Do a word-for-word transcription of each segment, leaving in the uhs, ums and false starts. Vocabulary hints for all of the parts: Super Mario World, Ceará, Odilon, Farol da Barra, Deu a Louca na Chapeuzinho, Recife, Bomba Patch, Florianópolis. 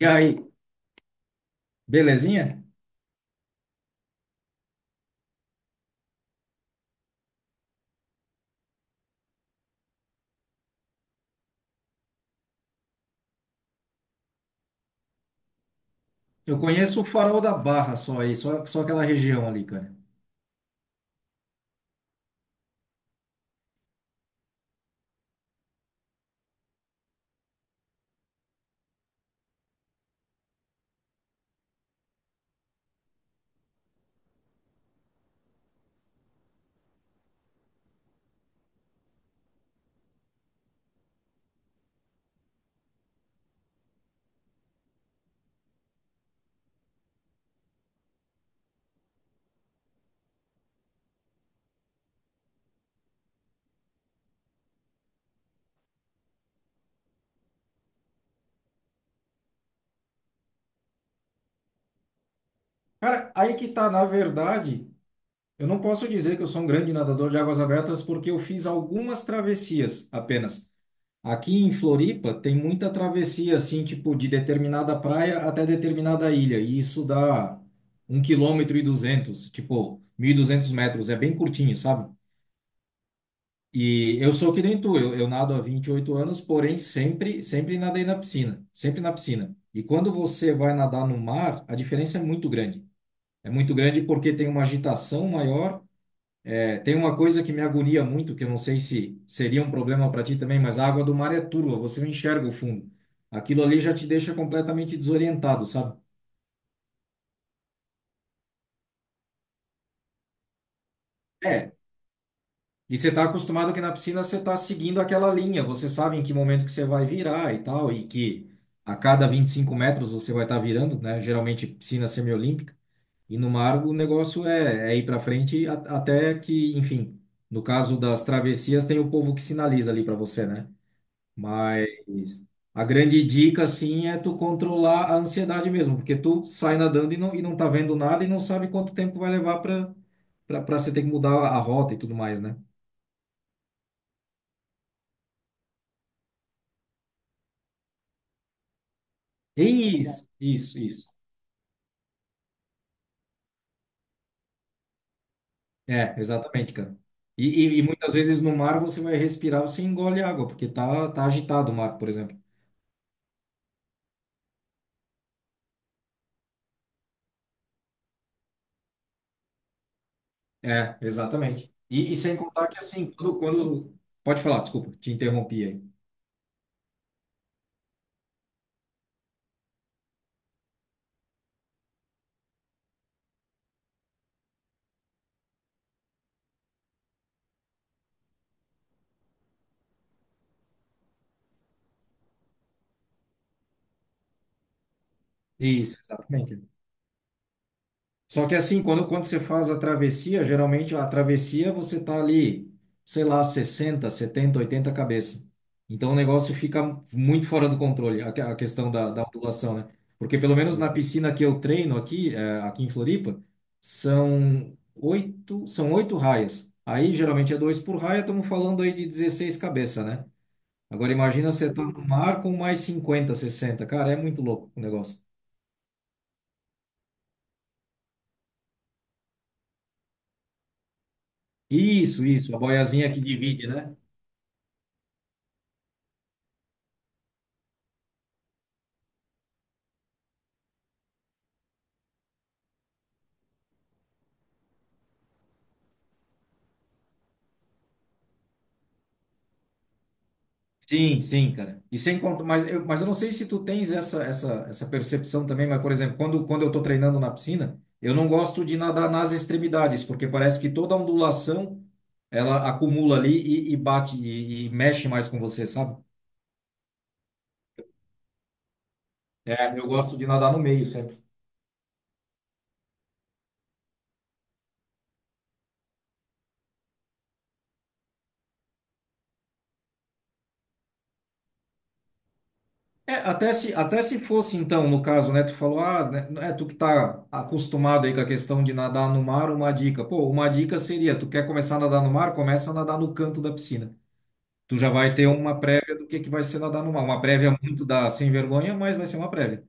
E aí, belezinha? Eu conheço o Farol da Barra só aí, só, só aquela região ali, cara. Cara, aí que tá, na verdade, eu não posso dizer que eu sou um grande nadador de águas abertas porque eu fiz algumas travessias apenas. Aqui em Floripa tem muita travessia, assim, tipo, de determinada praia até determinada ilha, e isso dá um quilômetro e duzentos, tipo, mil e duzentos metros, é bem curtinho, sabe? E eu sou que nem tu, eu, eu nado há vinte e oito anos, porém sempre, sempre nadei na piscina, sempre na piscina. E quando você vai nadar no mar, a diferença é muito grande. É muito grande porque tem uma agitação maior. É, tem uma coisa que me agonia muito, que eu não sei se seria um problema para ti também, mas a água do mar é turva, você não enxerga o fundo. Aquilo ali já te deixa completamente desorientado, sabe? É. E você está acostumado que na piscina você está seguindo aquela linha, você sabe em que momento que você vai virar e tal, e que a cada vinte e cinco metros você vai estar virando, né? Geralmente piscina semiolímpica. E no mar o negócio é, é ir para frente a- até que, enfim, no caso das travessias tem o povo que sinaliza ali para você, né? Mas a grande dica, assim, é tu controlar a ansiedade mesmo, porque tu sai nadando e não, e não tá vendo nada e não sabe quanto tempo vai levar para para você ter que mudar a rota e tudo mais, né? Isso, isso, isso. É, exatamente, cara. E, e, e muitas vezes no mar você vai respirar, você engole água, porque tá, tá agitado o mar, por exemplo. É, exatamente. E, e sem contar que assim, quando, quando... Pode falar, desculpa, te interrompi aí. Isso, exatamente. Só que assim, quando, quando você faz a travessia, geralmente a travessia você tá ali, sei lá, sessenta, setenta, oitenta cabeça. Então o negócio fica muito fora do controle, a, que- a questão da, da ondulação, né? Porque pelo menos na piscina que eu treino aqui, eh, aqui em Floripa, são oito, são oito raias. Aí geralmente é dois por raia, estamos falando aí de dezesseis cabeça, né? Agora imagina você tá no mar com mais cinquenta, sessenta. Cara, é muito louco o negócio. Isso, isso, a boiazinha que divide, né? Sim, sim, cara. E sem conta, mas eu, mas eu não sei se tu tens essa, essa, essa percepção também, mas, por exemplo, quando, quando eu estou treinando na piscina, eu não gosto de nadar nas extremidades, porque parece que toda ondulação ela acumula ali e, e bate e, e mexe mais com você, sabe? É, eu gosto de nadar no meio sempre. É, até se, até se fosse, então, no caso, né, tu falou, ah, né, é tu que tá acostumado aí com a questão de nadar no mar, uma dica. Pô, uma dica seria, tu quer começar a nadar no mar, começa a nadar no canto da piscina. Tu já vai ter uma prévia do que, que vai ser nadar no mar. Uma prévia muito da sem vergonha, mas vai ser uma prévia.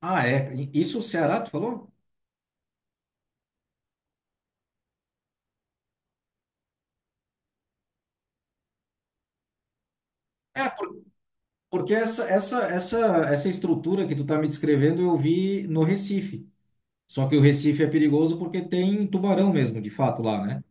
Ah, é. Isso o Ceará, tu falou? É, por- porque essa, essa, essa, essa estrutura que tu tá me descrevendo eu vi no Recife. Só que o Recife é perigoso porque tem tubarão mesmo, de fato, lá, né?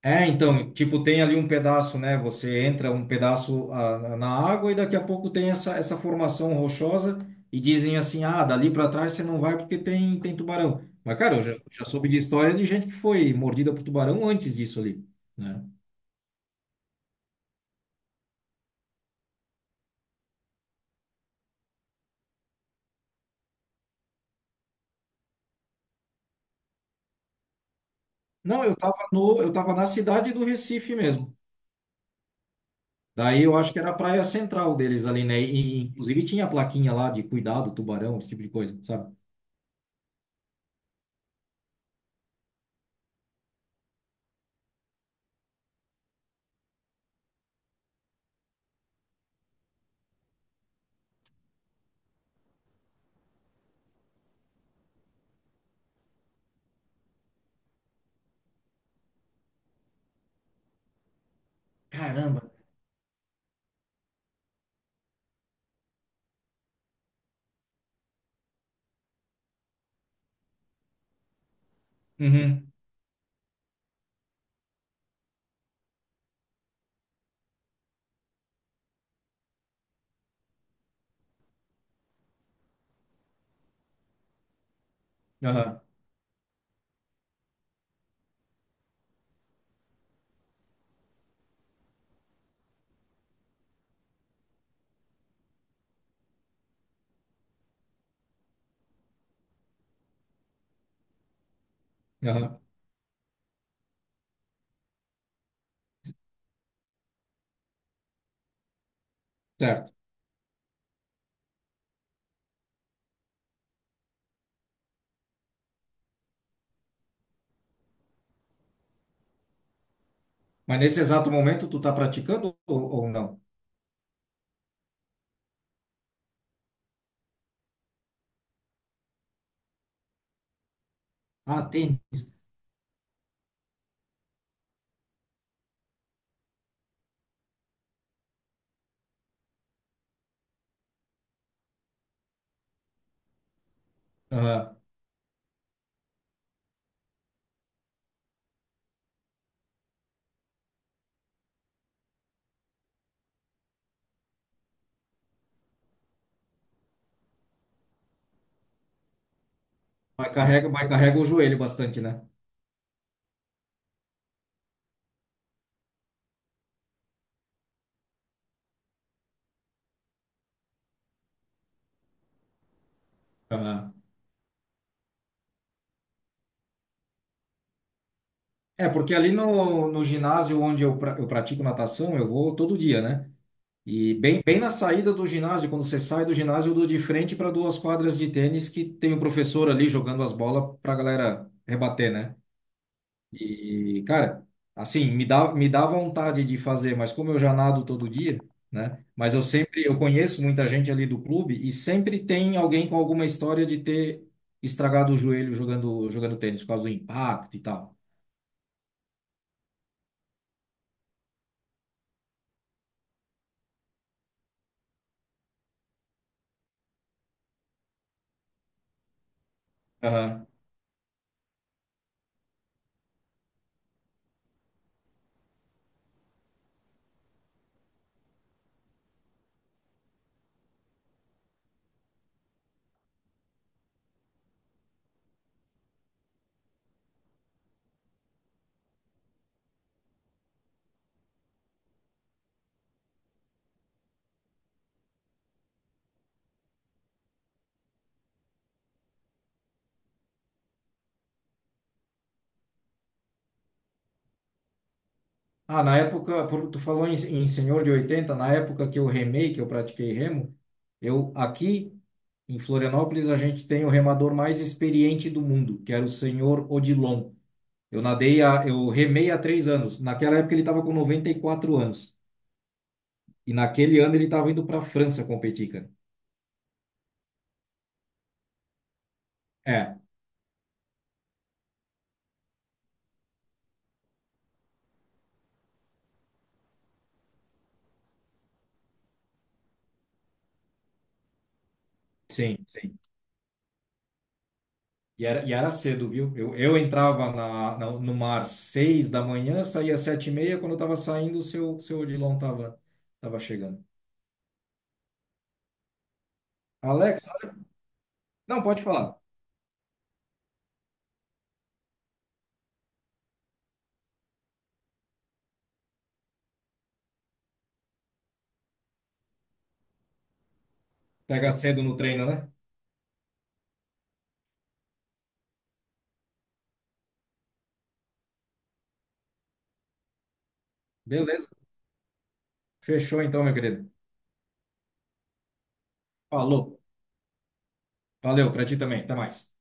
É, então, tipo, tem ali um pedaço, né? Você entra um pedaço ah, na água e daqui a pouco tem essa, essa formação rochosa e dizem assim, ah, dali para trás você não vai porque tem, tem tubarão. Mas, cara, eu já, já soube de história de gente que foi mordida por tubarão antes disso ali, né? Não, eu tava no, eu tava na cidade do Recife mesmo. Daí eu acho que era a praia central deles ali, né? E, inclusive tinha a plaquinha lá de cuidado, tubarão, esse tipo de coisa, sabe? Caramba. Uhum. Aham. Aham. Certo. Mas nesse exato momento tu tá praticando ou, ou não? Ah, tênis. Aham. Mas carrega, mas carrega o joelho bastante, né? Aham. É, porque ali no, no ginásio onde eu, pra- eu pratico natação, eu vou todo dia, né? E bem, bem na saída do ginásio, quando você sai do ginásio, eu dou de frente para duas quadras de tênis que tem o professor ali jogando as bolas para a galera rebater, né? E, cara, assim, me dá, me dá vontade de fazer, mas como eu já nado todo dia, né? Mas eu sempre, eu conheço muita gente ali do clube e sempre tem alguém com alguma história de ter estragado o joelho jogando, jogando tênis por causa do impacto e tal. Aham. Ah, na época, por- tu falou em, em senhor de oitenta na época que eu remei, que eu pratiquei remo, eu aqui em Florianópolis a gente tem o remador mais experiente do mundo, que era o senhor Odilon. Eu nadei, a, eu remei há três anos. Naquela época ele estava com noventa e quatro anos. E naquele ano ele estava indo para a França competir, cara. É, sim, sim. E era, e era cedo, viu? Eu, eu entrava na, na- no mar seis da manhã, saía sete e meia. Quando eu estava saindo, o seu, seu Odilon estava tava chegando. Alex, olha- não, pode falar. Pega cedo no treino, né? Beleza. Fechou então, meu querido. Falou. Valeu, para ti também. Até mais.